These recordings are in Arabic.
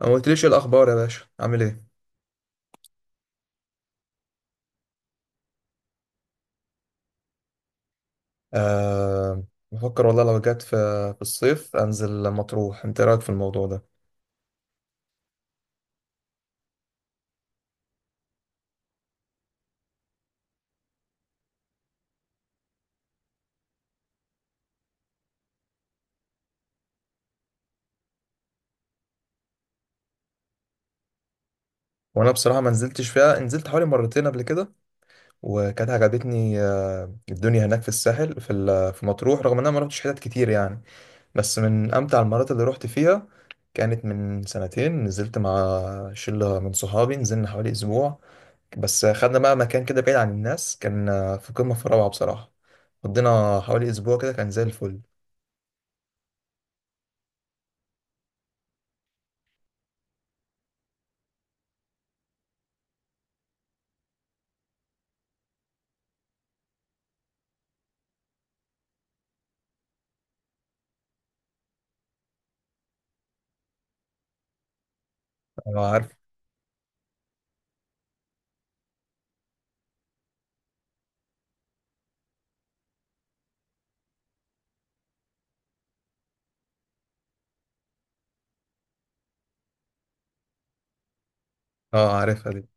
ما قلتليش إيه الاخبار يا باشا، عامل ايه؟ آه، بفكر والله، لو جت في الصيف انزل مطروح. انت إيه رايك في الموضوع ده؟ وانا بصراحه ما نزلتش فيها، نزلت حوالي مرتين قبل كده وكانت عجبتني. الدنيا هناك في الساحل في مطروح، رغم ان انا ما رحتش حتت كتير يعني. بس من امتع المرات اللي رحت فيها كانت من سنتين، نزلت مع شله من صحابي، نزلنا حوالي اسبوع. بس خدنا بقى مكان كده بعيد عن الناس، كان في قمه في الروعه بصراحه. قضينا حوالي اسبوع كده كان زي الفل. اه، عارف. اه، عارفها دي.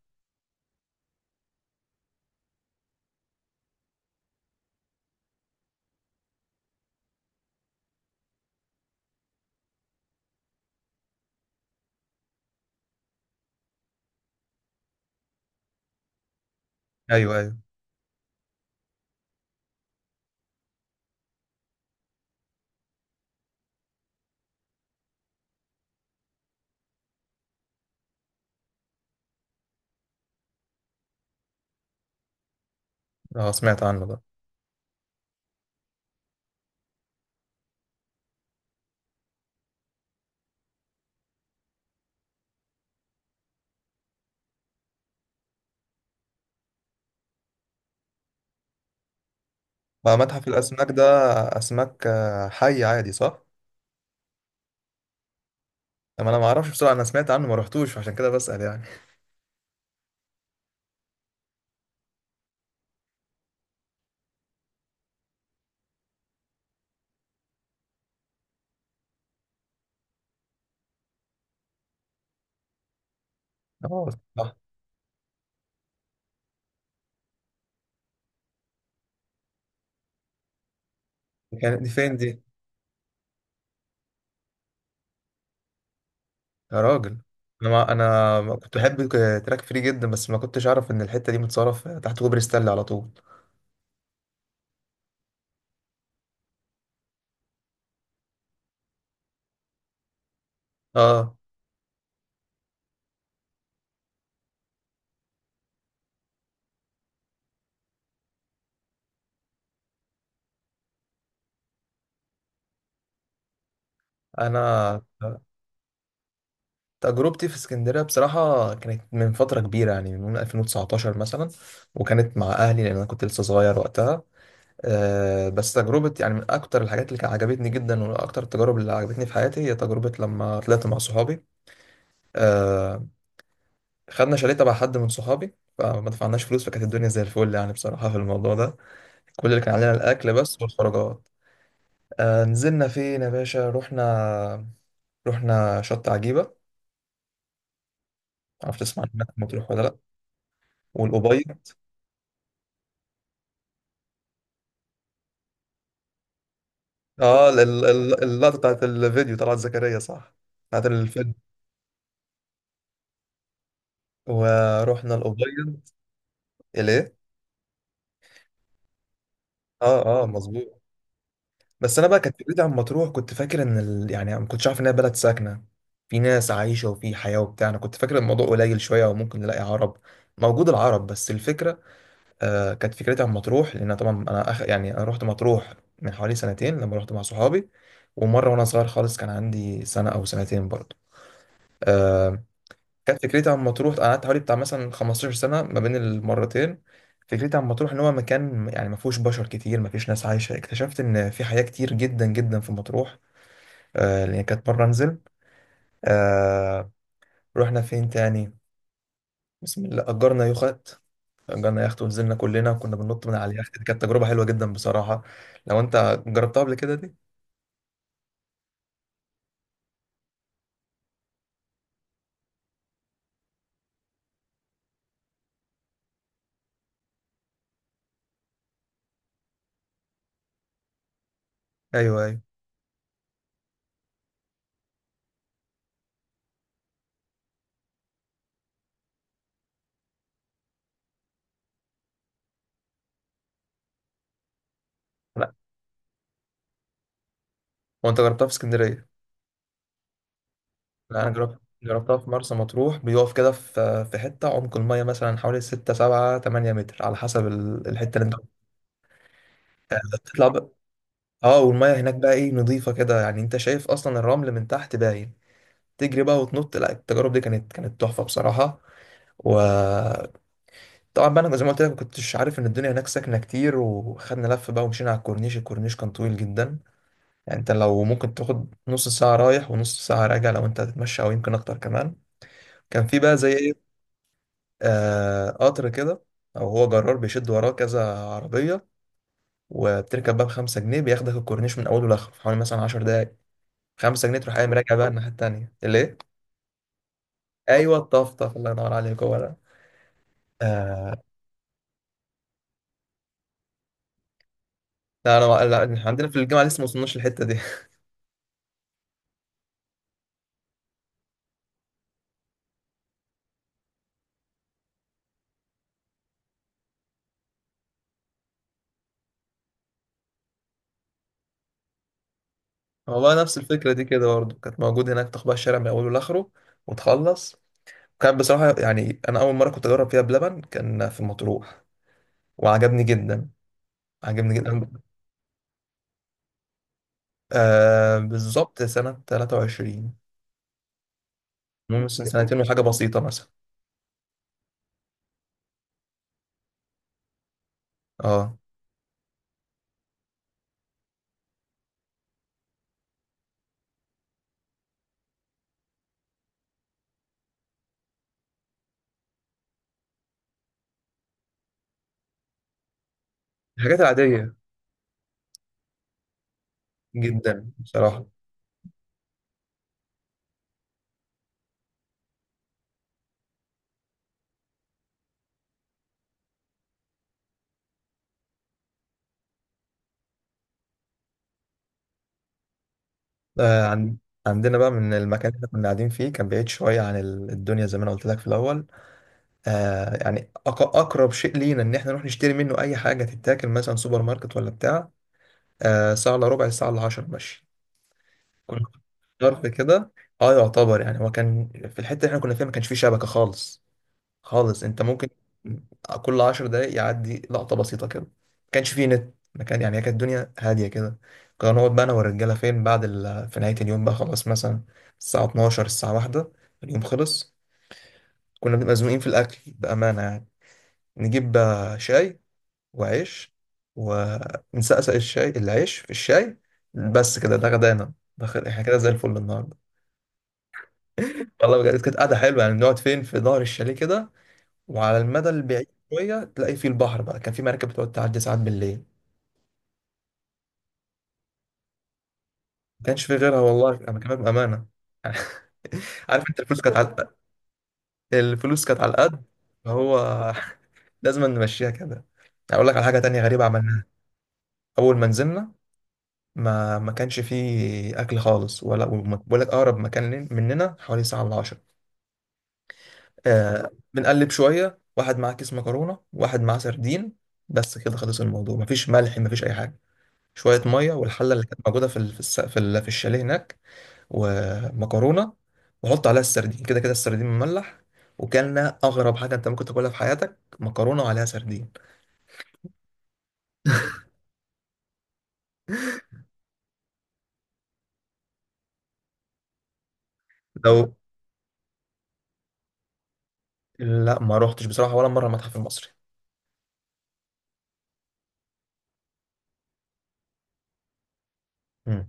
ايوه، ايوه. اه، سمعت عنه ده. ما متحف الاسماك ده اسماك حي عادي صح؟ ما انا ما اعرفش بصراحه، انا سمعت عنه ما رحتوش عشان كده بسال يعني. اه، صح. دي فين دي؟ يا راجل. انا ما كنت بحب تراك فري جدا، بس ما كنتش اعرف ان الحته دي متصرف تحت كوبري ستانلي على طول. اه، انا تجربتي في اسكندريه بصراحه كانت من فتره كبيره، يعني من 2019 مثلا، وكانت مع اهلي لان انا كنت لسه صغير وقتها. بس تجربة يعني من أكتر الحاجات اللي كانت عجبتني جدا، وأكتر التجارب اللي عجبتني في حياتي هي تجربة لما طلعت مع صحابي. آه، خدنا شاليه تبع حد من صحابي فما دفعناش فلوس، فكانت الدنيا زي الفل يعني بصراحة في الموضوع ده. كل اللي كان علينا الأكل بس والخروجات. آه، نزلنا فين يا باشا؟ رحنا شط عجيبة، معرفش تسمع عنها في مطروح ولا لأ، والقبيض. اه، اللقطة بتاعت الفيديو طلعت زكريا صح، بتاعت الفيلم. ورحنا القبيض. ليه؟ اه، اه، مظبوط. بس انا بقى كانت فكرتي عن مطروح، كنت فاكر ان يعني ما كنتش عارف انها بلد ساكنه، في ناس عايشه وفي حياه وبتاع. انا كنت فاكر الموضوع قليل شويه وممكن نلاقي عرب، موجود العرب، بس الفكره. كانت فكرتي عن مطروح لان طبعا انا يعني انا رحت مطروح من حوالي سنتين لما رحت مع صحابي. ومره وانا صغير خالص كان عندي سنه او سنتين برضه. آه، كانت فكرتي عن مطروح، انا قعدت حوالي بتاع مثلا 15 سنه ما بين المرتين. فكرتي عن مطروح ان هو مكان يعني ما فيهوش بشر كتير، ما فيش ناس عايشه. اكتشفت ان في حياه كتير جدا جدا في مطروح. لأن كانت مرة أنزل. آه رحنا فين تاني؟ بسم الله، أجرنا يخت ونزلنا كلنا وكنا بننط من على اليخت، دي كانت تجربة حلوة جدا بصراحة. لو أنت جربتها قبل كده دي؟ أيوه، أيوه. لا، هو أنت جربتها في اسكندرية. لا، أنا جربتها في مرسى مطروح، بيقف كده في حتة عمق المية مثلا حوالي 6 7 8 متر على حسب الحتة اللي أنت بتطلع بقى. اه، والمية هناك بقى ايه نظيفة كده، يعني انت شايف اصلا الرمل من تحت باين. تجري بقى وتنط، لا التجارب دي كانت تحفة بصراحة. وطبعا بقى انا زي ما قلت لك ما كنتش عارف ان الدنيا هناك ساكنه كتير، وخدنا لف بقى ومشينا على الكورنيش. الكورنيش كان طويل جدا يعني، انت لو ممكن تاخد نص ساعه رايح ونص ساعه راجع لو انت هتتمشى، او يمكن اكتر كمان. كان في بقى زي ايه، قطر كده، او هو جرار بيشد وراه كذا عربيه. وبتركب بقى بخمسة جنيه، بياخدك الكورنيش من اوله لاخره في حوالي مثلا 10 دقايق. خمسة جنيه تروح قايم راجع بقى الناحيه التانيه. ليه؟ ايوه، الطفطف الله ينور عليك هو ده. آه، لا، انا لا، إحنا عندنا في الجامعه لسه ما وصلناش للحته دي. هو بقى نفس الفكرة دي كده برضه كانت موجود هناك، تاخد بقى الشارع من أوله لآخره وتخلص. كان بصراحة يعني أنا أول مرة كنت أجرب فيها بلبن كان في مطروح، وعجبني جدا. عجبني جدا بالظبط سنة 23. المهم مثلا سنتين وحاجة بسيطة مثلا. اه، الحاجات العادية جدا بصراحة. آه عن عندنا بقى من المكان اللي كنا قاعدين فيه، كان بعيد شوية عن الدنيا زي ما أنا قلت لك في الأول. يعني أقرب شيء لينا إن إحنا نروح نشتري منه أي حاجة تتاكل مثلا، سوبر ماركت ولا بتاع، ساعة إلا ربع، ساعة إلا 10 ماشي. كنا ضرب كده. اه، يعتبر يعني. هو كان في الحتة اللي احنا كنا فيها ما كانش فيه شبكة خالص خالص. انت ممكن كل 10 دقايق يعدي لقطة بسيطة كده. ما كانش فيه نت، ما كان يعني. هي كانت الدنيا هادية كده. كنا نقعد بقى انا والرجالة فين بعد في نهاية اليوم بقى خلاص، مثلا الساعة 12 الساعة 1 اليوم خلص. كنا بنبقى مزنوقين في الأكل بأمانة يعني، نجيب بقى شاي وعيش ونسقسق الشاي، العيش في الشاي بس كده ده غدانا، ده احنا كده زي الفل النهارده. والله بجد كانت قعده حلوه يعني، نقعد فين في ظهر الشاليه كده، وعلى المدى البعيد شويه تلاقي فيه البحر بقى، كان في مراكب بتقعد تعدي ساعات بالليل. ما كانش في غيرها والله، انا كمان بامانه. عارف انت الفلوس كانت على القد. فهو لازم نمشيها كده. اقول لك على حاجه تانية غريبه عملناها اول ما نزلنا. ما كانش فيه اكل خالص ولا، بقول لك اقرب مكان مننا حوالي ساعه الا 10. بنقلب شويه، واحد معاه كيس مكرونه، واحد معاه سردين، بس كده خلص الموضوع. مفيش ملح مفيش اي حاجه، شويه ميه والحله اللي كانت موجوده في ال- في الس- في ال- في الشاليه هناك، ومكرونه. وحط عليها السردين، كده كده السردين مملح وكلنا اغرب حاجه انت ممكن تاكلها في حياتك، مكرونه وعليها سردين. لو لا ما روحتش بصراحه ولا مره المتحف المصري. مم.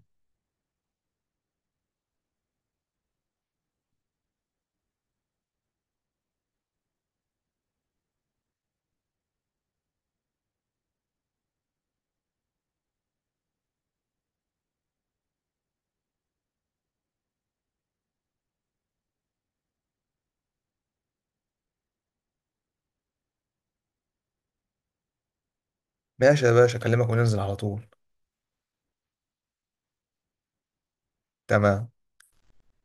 ماشي يا باشا، اكلمك وننزل على طول. تمام.